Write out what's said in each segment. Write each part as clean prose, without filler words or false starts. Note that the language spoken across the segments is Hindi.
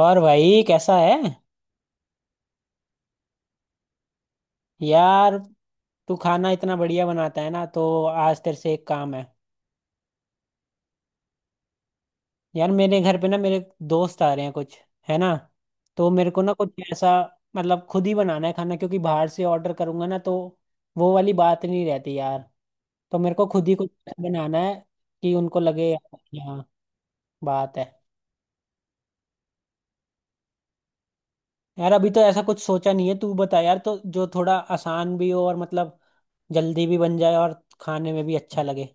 और भाई कैसा है। यार, तू खाना इतना बढ़िया बनाता है ना, तो आज तेरे से एक काम है। यार, मेरे घर पे ना, मेरे दोस्त आ रहे हैं कुछ, है ना। तो मेरे को ना कुछ ऐसा, मतलब खुद ही बनाना है खाना, क्योंकि बाहर से ऑर्डर करूंगा ना तो वो वाली बात नहीं रहती यार। तो मेरे को खुद ही कुछ ऐसा बनाना है कि उनको लगे यार, यहाँ बात है। यार, अभी तो ऐसा कुछ सोचा नहीं है, तू बता यार, तो जो थोड़ा आसान भी हो और मतलब जल्दी भी बन जाए और खाने में भी अच्छा लगे।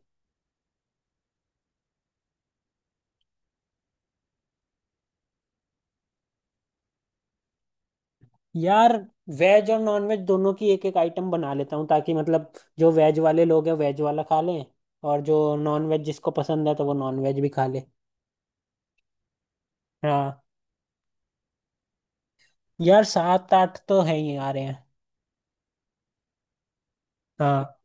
यार, वेज और नॉन वेज दोनों की एक एक आइटम बना लेता हूँ, ताकि मतलब जो वेज वाले लोग हैं वेज वाला खा लें, और जो नॉन वेज जिसको पसंद है तो वो नॉन वेज भी खा ले। हाँ। यार, सात आठ तो है ही आ रहे हैं। हाँ,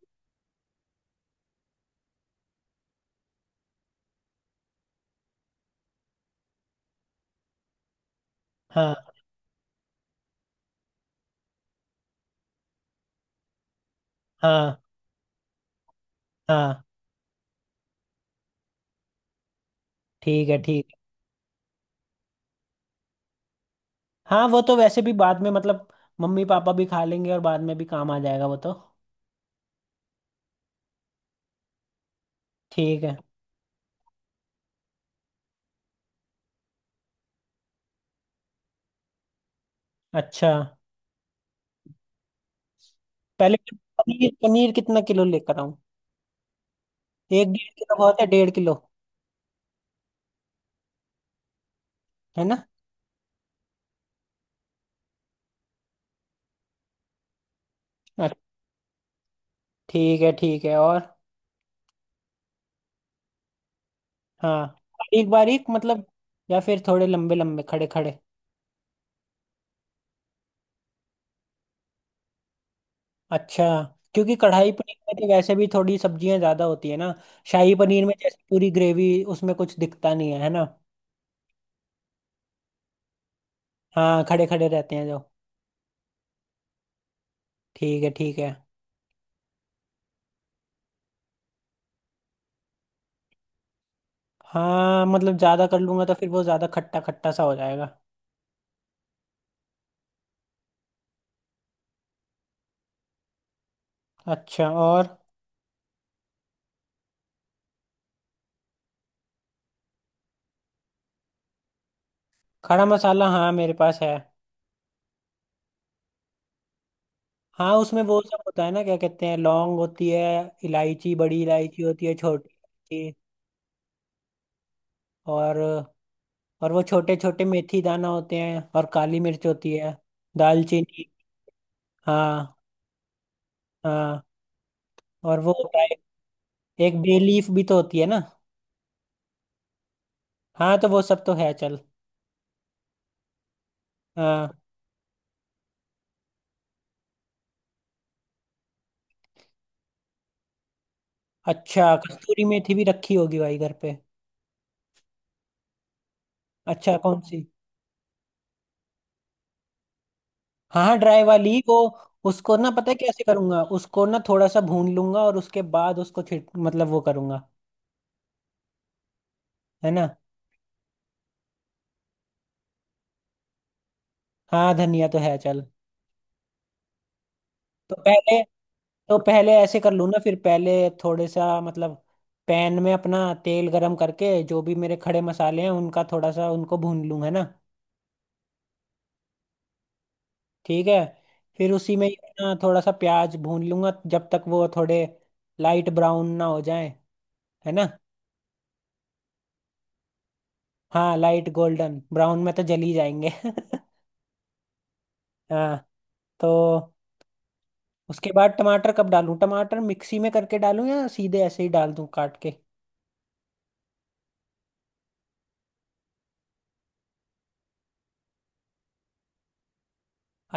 हाँ, हाँ, हाँ। ठीक है, ठीक है। हाँ, वो तो वैसे भी बाद में मतलब मम्मी पापा भी खा लेंगे और बाद में भी काम आ जाएगा वो तो। ठीक है। अच्छा, पहले तो पनीर पनीर कितना किलो लेकर आऊँ। एक डेढ़ किलो बहुत है, डेढ़ किलो, है ना। अच्छा, ठीक है, ठीक है, और हाँ। बारीक बारीक मतलब, या फिर थोड़े लंबे लंबे, खड़े खड़े। अच्छा, क्योंकि कढ़ाई पनीर में तो वैसे भी थोड़ी सब्जियां ज्यादा होती है ना, शाही पनीर में जैसे पूरी ग्रेवी, उसमें कुछ दिखता नहीं है, है ना। हाँ, खड़े खड़े रहते हैं जो। ठीक है, ठीक है। हाँ, मतलब ज्यादा कर लूंगा तो फिर वो ज्यादा खट्टा खट्टा सा हो जाएगा। अच्छा, और खड़ा मसाला हाँ, मेरे पास है। हाँ, उसमें वो सब होता है ना, क्या कहते हैं, लौंग होती है, इलायची, बड़ी इलायची होती है, छोटी इलायची, और और वो छोटे छोटे मेथी दाना होते हैं, और काली मिर्च होती है, दालचीनी। हाँ, हाँ। और वो होता है, एक बे लीफ भी तो होती है ना। हाँ, तो वो सब तो है, चल। हाँ। अच्छा, कस्तूरी मेथी भी रखी होगी भाई घर पे। अच्छा, कौन सी। हाँ हाँ, ड्राई वाली वो, उसको ना पता है कैसे करूंगा, उसको ना थोड़ा सा भून लूंगा और उसके बाद उसको छिट मतलब वो करूंगा, है ना। हाँ, धनिया तो है, चल। तो पहले तो पहले ऐसे कर लूँ ना, फिर पहले थोड़े सा मतलब पैन में अपना तेल गरम करके जो भी मेरे खड़े मसाले हैं उनका थोड़ा सा उनको भून लूँ, है ना। ठीक है। फिर उसी में ही अपना थोड़ा सा प्याज भून लूंगा जब तक वो थोड़े लाइट ब्राउन ना हो जाए, है ना। हाँ, लाइट गोल्डन ब्राउन में तो जल ही जाएंगे हाँ, तो उसके बाद टमाटर कब डालूं, टमाटर मिक्सी में करके डालूं या सीधे ऐसे ही डाल दूं काट के।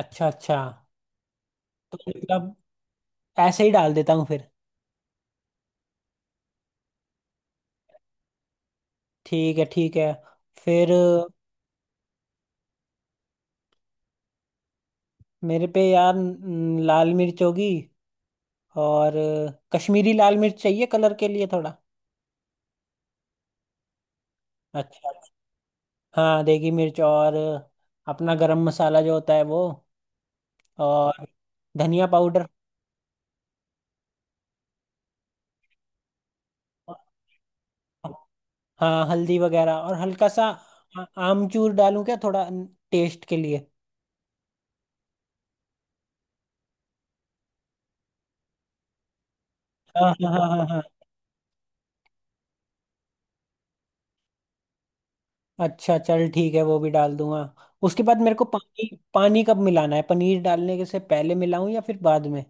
अच्छा, अच्छा, तो मतलब ऐसे ही डाल देता हूँ। ठीक है, ठीक है। फिर मेरे पे यार लाल मिर्च होगी, और कश्मीरी लाल मिर्च चाहिए कलर के लिए थोड़ा। अच्छा। हाँ, देगी मिर्च और अपना गरम मसाला जो होता है वो, और धनिया पाउडर। हाँ, हल्दी वगैरह और हल्का सा आमचूर डालूं क्या थोड़ा टेस्ट के लिए। हाँ, हाँ, हाँ, हाँ, हाँ। अच्छा, चल ठीक है, वो भी डाल दूंगा। उसके बाद मेरे को पानी पानी कब मिलाना है, पनीर डालने के से पहले मिलाऊं या फिर बाद में।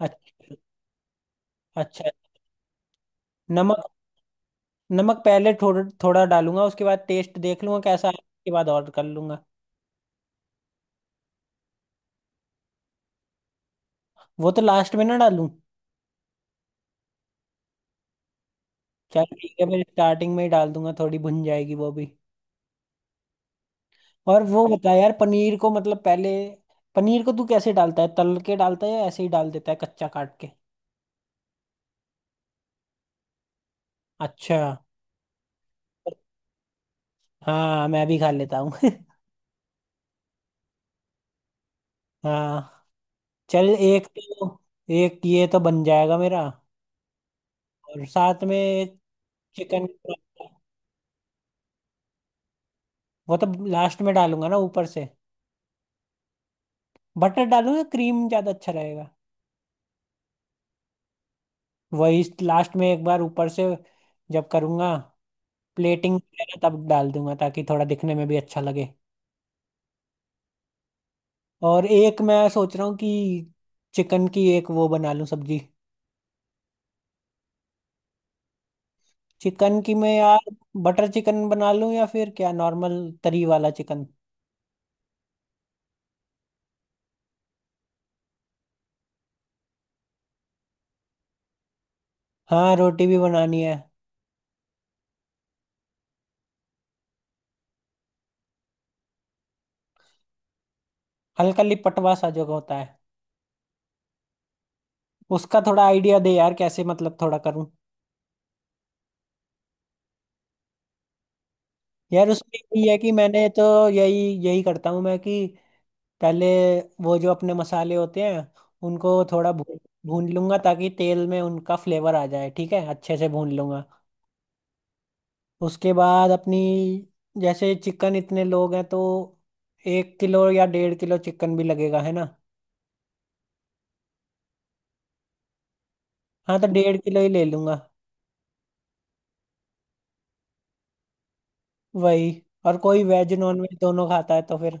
अच्छा, अच्छा, नमक। नमक पहले थोड़ा थोड़ा डालूंगा, उसके बाद टेस्ट देख लूंगा कैसा है, उसके बाद और कर लूंगा। वो तो लास्ट में ना डालूं। चल ठीक है, मैं स्टार्टिंग में ही डाल दूंगा, थोड़ी भुन जाएगी वो भी। और वो बता यार, पनीर को मतलब पहले, पनीर को तू कैसे डालता है, तल के डालता है या ऐसे ही डाल देता है कच्चा काट के। अच्छा। हाँ, मैं भी खा लेता हूँ हाँ, चल एक तो, एक ये तो बन जाएगा मेरा, और साथ में चिकन। वो तो लास्ट में डालूंगा ना, ऊपर से। बटर डालूं या क्रीम ज्यादा अच्छा रहेगा। वही लास्ट में एक बार ऊपर से, जब करूंगा प्लेटिंग वगैरह तब डाल दूंगा, ताकि थोड़ा दिखने में भी अच्छा लगे। और एक मैं सोच रहा हूँ कि चिकन की एक वो बना लूं सब्जी। चिकन की, मैं यार बटर चिकन बना लूं या फिर क्या नॉर्मल तरी वाला चिकन। हाँ, रोटी भी बनानी है। हल्का लिपटवा सा जो होता है, उसका थोड़ा आइडिया दे यार, कैसे मतलब थोड़ा करूँ। यार, उसमें यही है कि मैंने तो यही यही करता हूँ मैं, कि पहले वो जो अपने मसाले होते हैं उनको थोड़ा भून भून लूंगा ताकि तेल में उनका फ्लेवर आ जाए, ठीक है अच्छे से भून लूंगा। उसके बाद अपनी, जैसे चिकन, इतने लोग हैं तो एक किलो या डेढ़ किलो चिकन भी लगेगा, है ना। हाँ, तो डेढ़ किलो ही ले लूंगा। वही, और कोई वेज नॉन वेज दोनों खाता है तो फिर,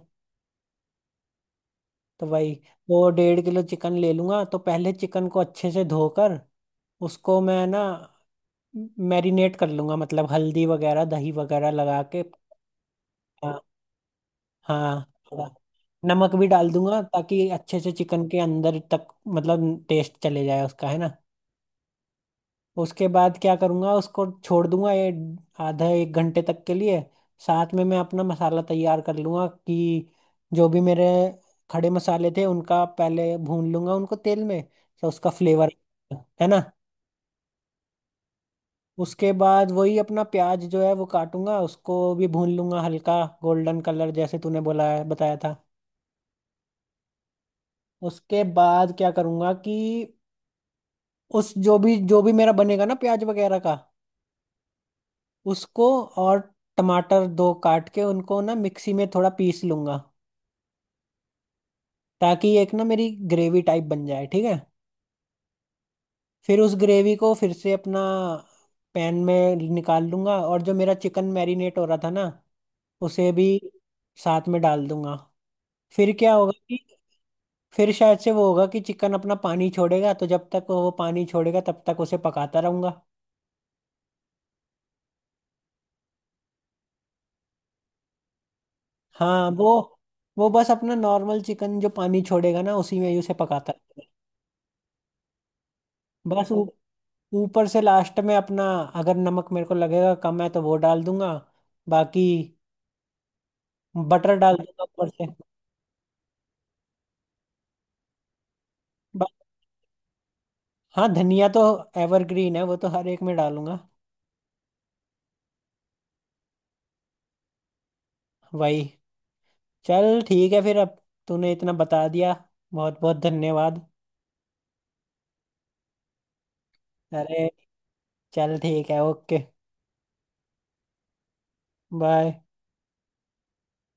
तो वही तो डेढ़ किलो चिकन ले लूंगा। तो पहले चिकन को अच्छे से धोकर उसको मैं ना मैरिनेट कर लूंगा, मतलब हल्दी वगैरह दही वगैरह लगा के। हाँ, हाँ। थोड़ा नमक भी डाल दूंगा ताकि अच्छे से चिकन के अंदर तक मतलब टेस्ट चले जाए उसका, है ना। उसके बाद क्या करूंगा, उसको छोड़ दूंगा ये आधा एक घंटे तक के लिए। साथ में मैं अपना मसाला तैयार कर लूंगा कि जो भी मेरे खड़े मसाले थे उनका पहले भून लूंगा उनको तेल में, तो उसका फ्लेवर, है ना। उसके बाद वही अपना प्याज जो है वो काटूंगा, उसको भी भून लूंगा, हल्का गोल्डन कलर जैसे तूने बोला है, बताया था। उसके बाद क्या करूंगा कि उस जो भी मेरा बनेगा ना प्याज वगैरह का, उसको, और टमाटर दो काट के उनको ना मिक्सी में थोड़ा पीस लूंगा ताकि एक ना मेरी ग्रेवी टाइप बन जाए, ठीक है। फिर उस ग्रेवी को फिर से अपना पैन में निकाल लूंगा, और जो मेरा चिकन मैरिनेट हो रहा था ना उसे भी साथ में डाल दूंगा। फिर क्या होगा, फिर शायद से वो होगा कि चिकन अपना पानी छोड़ेगा, तो जब तक वो पानी छोड़ेगा तब तक उसे पकाता रहूंगा। हाँ, वो बस अपना नॉर्मल चिकन जो पानी छोड़ेगा ना उसी में ही उसे पकाता रहूंगा। बस ऊपर से लास्ट में अपना, अगर नमक मेरे को लगेगा कम है तो वो डाल दूंगा, बाकी बटर डाल दूंगा ऊपर से बस। हाँ, धनिया तो एवरग्रीन है, वो तो हर एक में डालूंगा। वही, चल ठीक है फिर, अब तूने इतना बता दिया, बहुत बहुत धन्यवाद। अरे, चल ठीक है, ओके बाय।